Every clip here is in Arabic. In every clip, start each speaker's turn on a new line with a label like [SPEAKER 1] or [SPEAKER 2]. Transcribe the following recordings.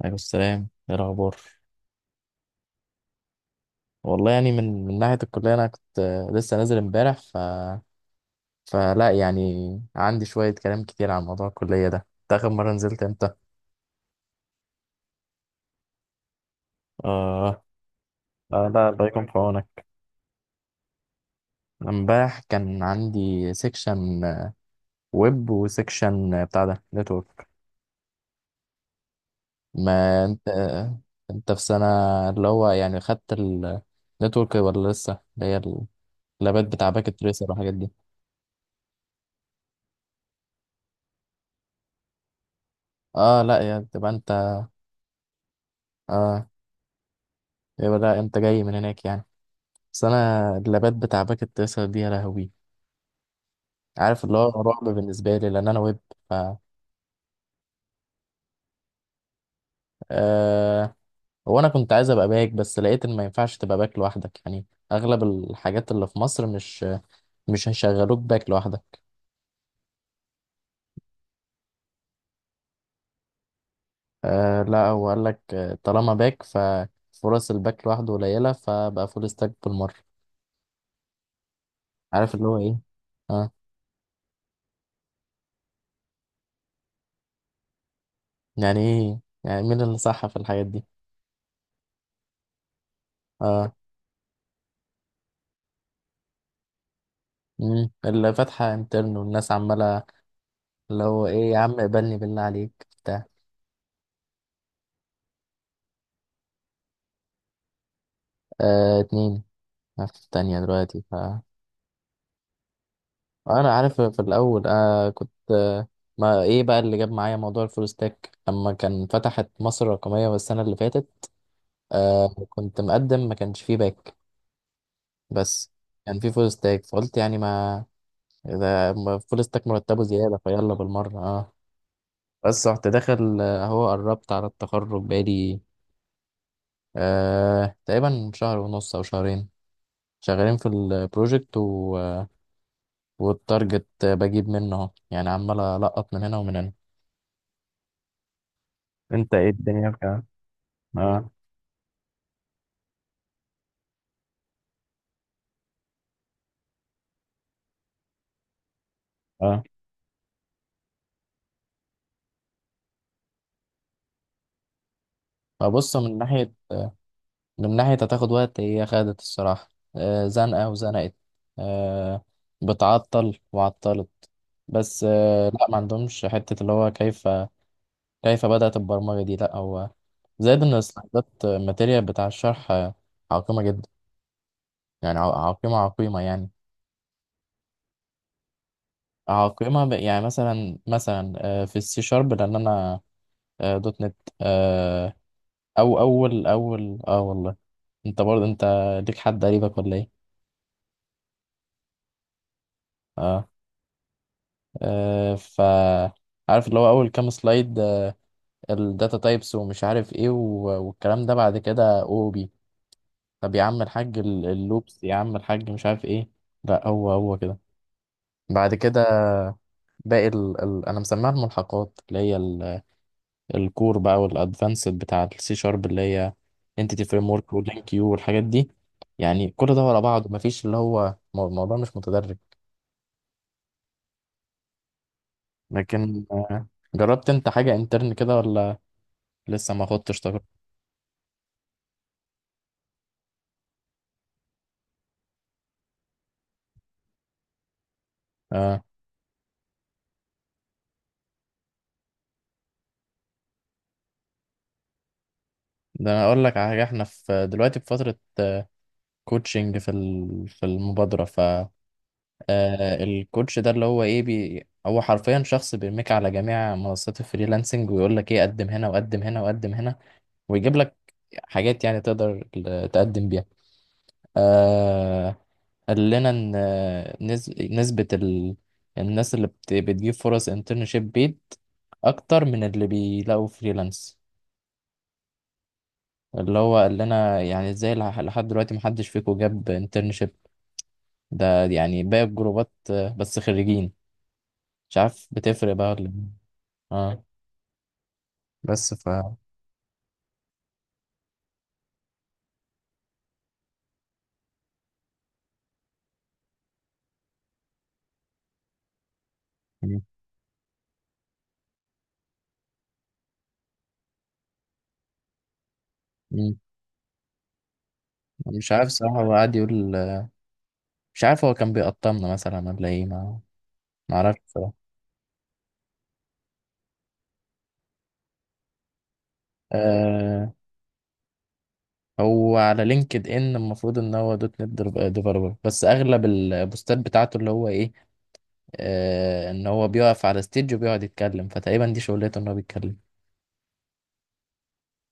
[SPEAKER 1] عليكم السلام، ايه الاخبار؟ والله يعني، من ناحيه الكليه انا كنت لسه نازل امبارح. ف فلا يعني عندي شويه كلام كتير عن موضوع الكليه ده. انت اخر مره نزلت امتى؟ اه. لا، الله يكون في عونك. امبارح كان عندي سيكشن ويب، وسيكشن بتاع ده نتورك. ما انت انت في سنه اللي هو يعني خدت النتورك، ولا لسه اللي هي اللابات بتاع باكت تريسر والحاجات دي؟ اه، لا يا تبقى انت. اه. يبقى لا انت جاي من هناك يعني. بس انا اللابات بتاع باك التسعة دي، يا لهوي. عارف اللي هو رعب بالنسبه لي لان انا ويب. ف أه... وانا كنت عايز ابقى باك، بس لقيت ان ما ينفعش تبقى باك لوحدك يعني. اغلب الحاجات اللي في مصر، مش هيشغلوك باك لوحدك. لا، هو قال لك طالما باك ففرص الباك لوحده قليله، فبقى فول ستاك بالمره. عارف اللي هو ايه. اه. يعني ايه، يعني مين اللي صح في الحاجات دي؟ اه. مم. اللي فاتحه انترن والناس عماله. اللي هو ايه يا عم، اقبلني بالله عليك بتاع. اتنين. أنا في التانية دلوقتي. ف أنا عارف، في الأول كنت ما إيه بقى اللي جاب معايا موضوع الفول ستاك لما كان فتحت مصر الرقمية والسنة اللي فاتت. كنت مقدم، ما كانش فيه باك، بس كان فيه فول ستاك، فقلت يعني، ما إذا ما فول ستاك مرتبه زيادة، فيلا بالمرة. بس رحت داخل أهو قربت على التخرج، بقالي تقريبا شهر ونص أو شهرين شغالين في البروجكت. والتارجت بجيب منه اهو، يعني عمال ألقط من هنا ومن هنا. انت ايه الدنيا بتاع؟ اه اه. فبص، من ناحية، من ناحية هتاخد وقت، هي خدت الصراحة زنقة وزنقت. آه بتعطل وعطلت. بس لا، ما عندهمش حتة اللي هو كيف. كيف بدأت البرمجة دي؟ لا، هو زائد ان السلايدات الماتيريال بتاع الشرح عقيمة جدا. يعني عقيمة عقيمة يعني. عقيمة، يعني مثلا مثلا في السي شارب، لان انا دوت نت او اول اول والله. انت برضه انت ليك حد قريبك ولا ايه؟ اه، آه ف عارف اللي هو اول كام سلايد الداتا تايبس ومش عارف ايه، والكلام ده. بعد كده او بي، طب يا عم الحاج، اللوبس، يا عم الحاج مش عارف ايه. لا هو هو كده. بعد كده باقي انا مسميها الملحقات، اللي هي الكور بقى والادفانسد بتاع السي شارب، اللي هي انتيتي فريم ورك ولينك كيو والحاجات دي. يعني كل ده ورا بعض، مفيش اللي هو الموضوع مش متدرج. لكن جربت انت حاجة انترن كده، ولا لسه ما خدتش تجربة؟ اه، ده انا اقول لك على حاجة. احنا في دلوقتي في فترة كوتشنج في في المبادرة. ف الكوتش ده اللي هو ايه بي، هو حرفيا شخص بيرميك على جميع منصات الفريلانسنج، ويقول لك ايه، قدم هنا وقدم هنا وقدم هنا، ويجيب لك حاجات يعني تقدر تقدم بيها. آه قال لنا ان نسبة الناس اللي بتجيب فرص انترنشيب بيد اكتر من اللي بيلاقوا فريلانس. اللي هو قال لنا يعني ازاي لحد دلوقتي محدش فيكم جاب انترنشيب؟ ده يعني باقي الجروبات بس خريجين. مش عارف بتفرق بقى ولا إيه. اه. بس ف م- م- مش عارف صراحة، هو قاعد يقول. مش عارف، هو كان بيقطمنا مثلا ولا ايه، ما اعرفش. آه، هو على لينكد ان المفروض ان هو دوت نت ديفلوبر، بس اغلب البوستات بتاعته اللي هو ايه، آه ان هو بيقف على ستيج وبيقعد يتكلم. فتقريبا دي شغلته، ان هو بيتكلم.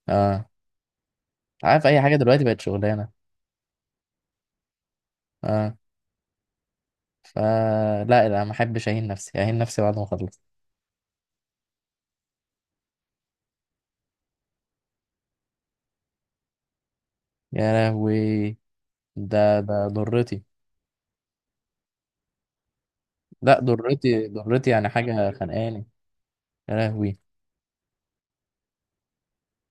[SPEAKER 1] اه. عارف اي حاجه دلوقتي بقت شغلانه. اه. فلا، لا، لا، ما احبش اهين نفسي، اهين نفسي بعد ما اخلص. يا لهوي، ده ضرتي. لا، ضرتي ضرتي يعني، حاجه خانقاني. يا لهوي.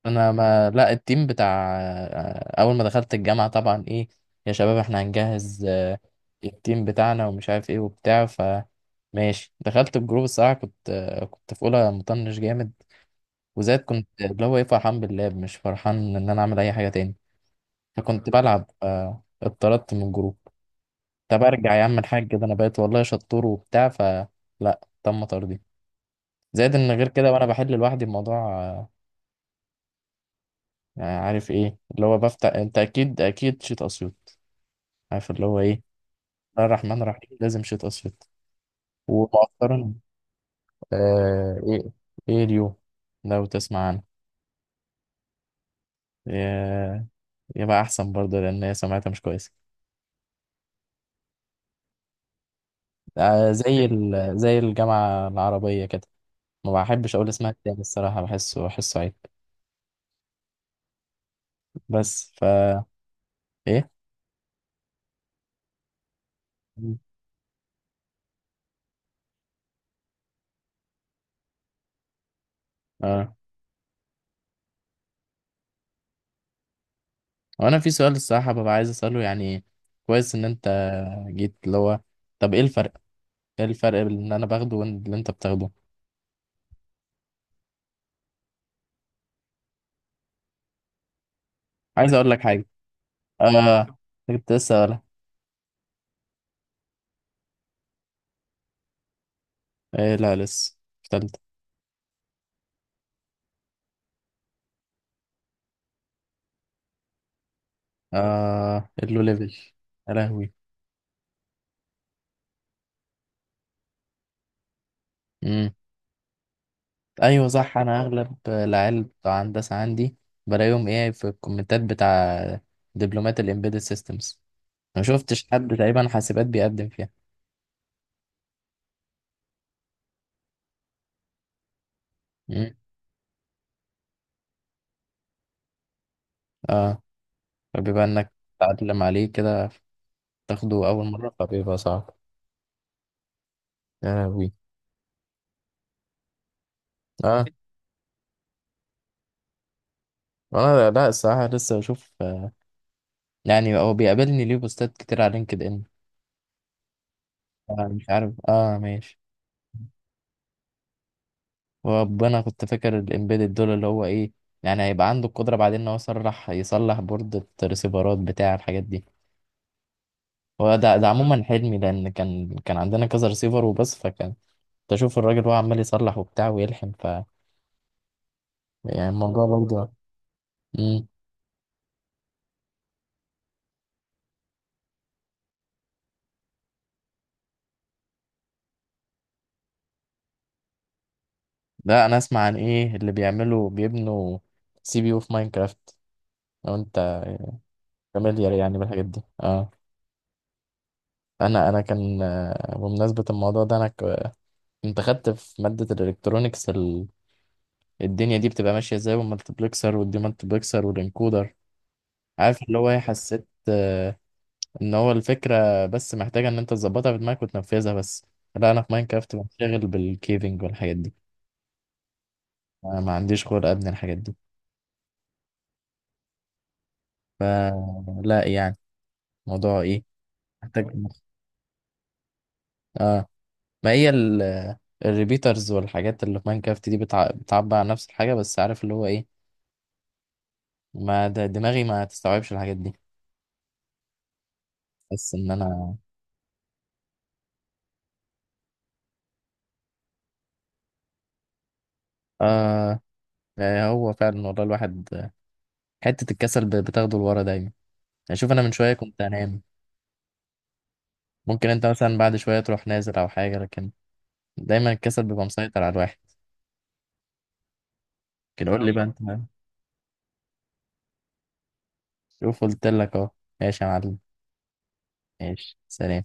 [SPEAKER 1] انا، ما لا، التيم بتاع اول ما دخلت الجامعه طبعا ايه، يا شباب احنا هنجهز التيم بتاعنا ومش عارف ايه وبتاع. ف ماشي، دخلت الجروب الصراحه، كنت كنت في اولى مطنش جامد، وزاد كنت اللي هو ايه، فرحان باللعب، مش فرحان ان انا اعمل اي حاجه تاني. فكنت بلعب اتطردت من الجروب. طب ارجع يا عم الحاج، ده انا بقيت والله شطور وبتاع، فلا، تم طردي. زائد ان غير كده، وانا بحل لوحدي الموضوع يعني عارف ايه اللي هو بفتح، انت اكيد اكيد شيت اسيوط. عارف اللي هو ايه، بسم الله الرحمن الرحيم، لازم شيت اسود. ومؤخرا آه، ايه ايه اليو؟ لو تسمع عنه آه، يبقى احسن برضه، لان هي سمعتها مش كويسه. آه، زي زي الجامعه العربيه كده. ما بحبش اقول اسمها تاني الصراحه، بحسه، بحسه عيب. بس فا، ايه؟ اه. وانا في سؤال الصراحه، ببقى عايز اساله يعني. كويس ان انت جيت اللي هو، طب ايه الفرق؟ ايه الفرق بين اللي انا باخده واللي انت بتاخده؟ عايز اقول لك حاجه. اه كنت لسه. إيه، لا لسه، في تالتة. آه، اللو ليفل. يا لهوي. مم. أيوة صح، أنا أغلب العيال بتوع هندسة عندي بلاقيهم إيه في الكومنتات بتاع دبلومات الإمبيدد سيستمز. ما شفتش حد تقريبا حاسبات بيقدم فيها. مم. آه، فبيبقى إنك تتعلم عليه كده، تاخده أول مرة، فبيبقى صعب. يا لهوي. آه. أنا لا، الصراحة لسه بشوف يعني هو بيقابلني ليه بوستات كتير على لينكد إن. آه مش عارف، آه ماشي. وانا كنت فاكر الامبيدد دول اللي هو ايه، يعني هيبقى عنده القدرة بعدين ان هو يصلح بوردة ريسيفرات بتاع الحاجات دي. هو ده، عموما حلمي، لان كان عندنا كذا ريسيفر وبس. فكان تشوف الراجل وهو عمال يصلح وبتاع ويلحم. ف يعني الموضوع برضه امم ده انا اسمع عن ايه اللي بيعملوا، بيبنوا سي بي يو في ماينكرافت. لو انت فاميليار يعني بالحاجات دي. اه. انا كان بمناسبة الموضوع ده انا كنت خدت في مادة الالكترونيكس، الدنيا دي بتبقى ماشية ازاي، والمالتبلكسر والديمالتبلكسر والانكودر. عارف اللي هو ايه، حسيت ان هو الفكرة بس محتاجة ان انت تظبطها في دماغك وتنفذها بس. لا انا في ماينكرافت بنشغل بالكيفنج والحاجات دي. أنا ما عنديش خلق ابني الحاجات دي. فلا يعني، موضوع ايه، محتاج مخ. اه. ما هي الريبيترز والحاجات اللي في ماينكرافت دي بتعبر عن نفس الحاجة، بس عارف اللي هو ايه، ما ده دماغي ما تستوعبش الحاجات دي. بس ان انا آه يعني هو فعلا والله، الواحد حتة الكسل بتاخده لورا دايما. يعني شوف، أنا من شوية كنت أنام. ممكن أنت مثلا بعد شوية تروح نازل أو حاجة، لكن دايما الكسل بيبقى مسيطر على الواحد. كده قول لي بقى أنت. شوف، قلت لك أهو. ماشي يا معلم، ماشي، سلام.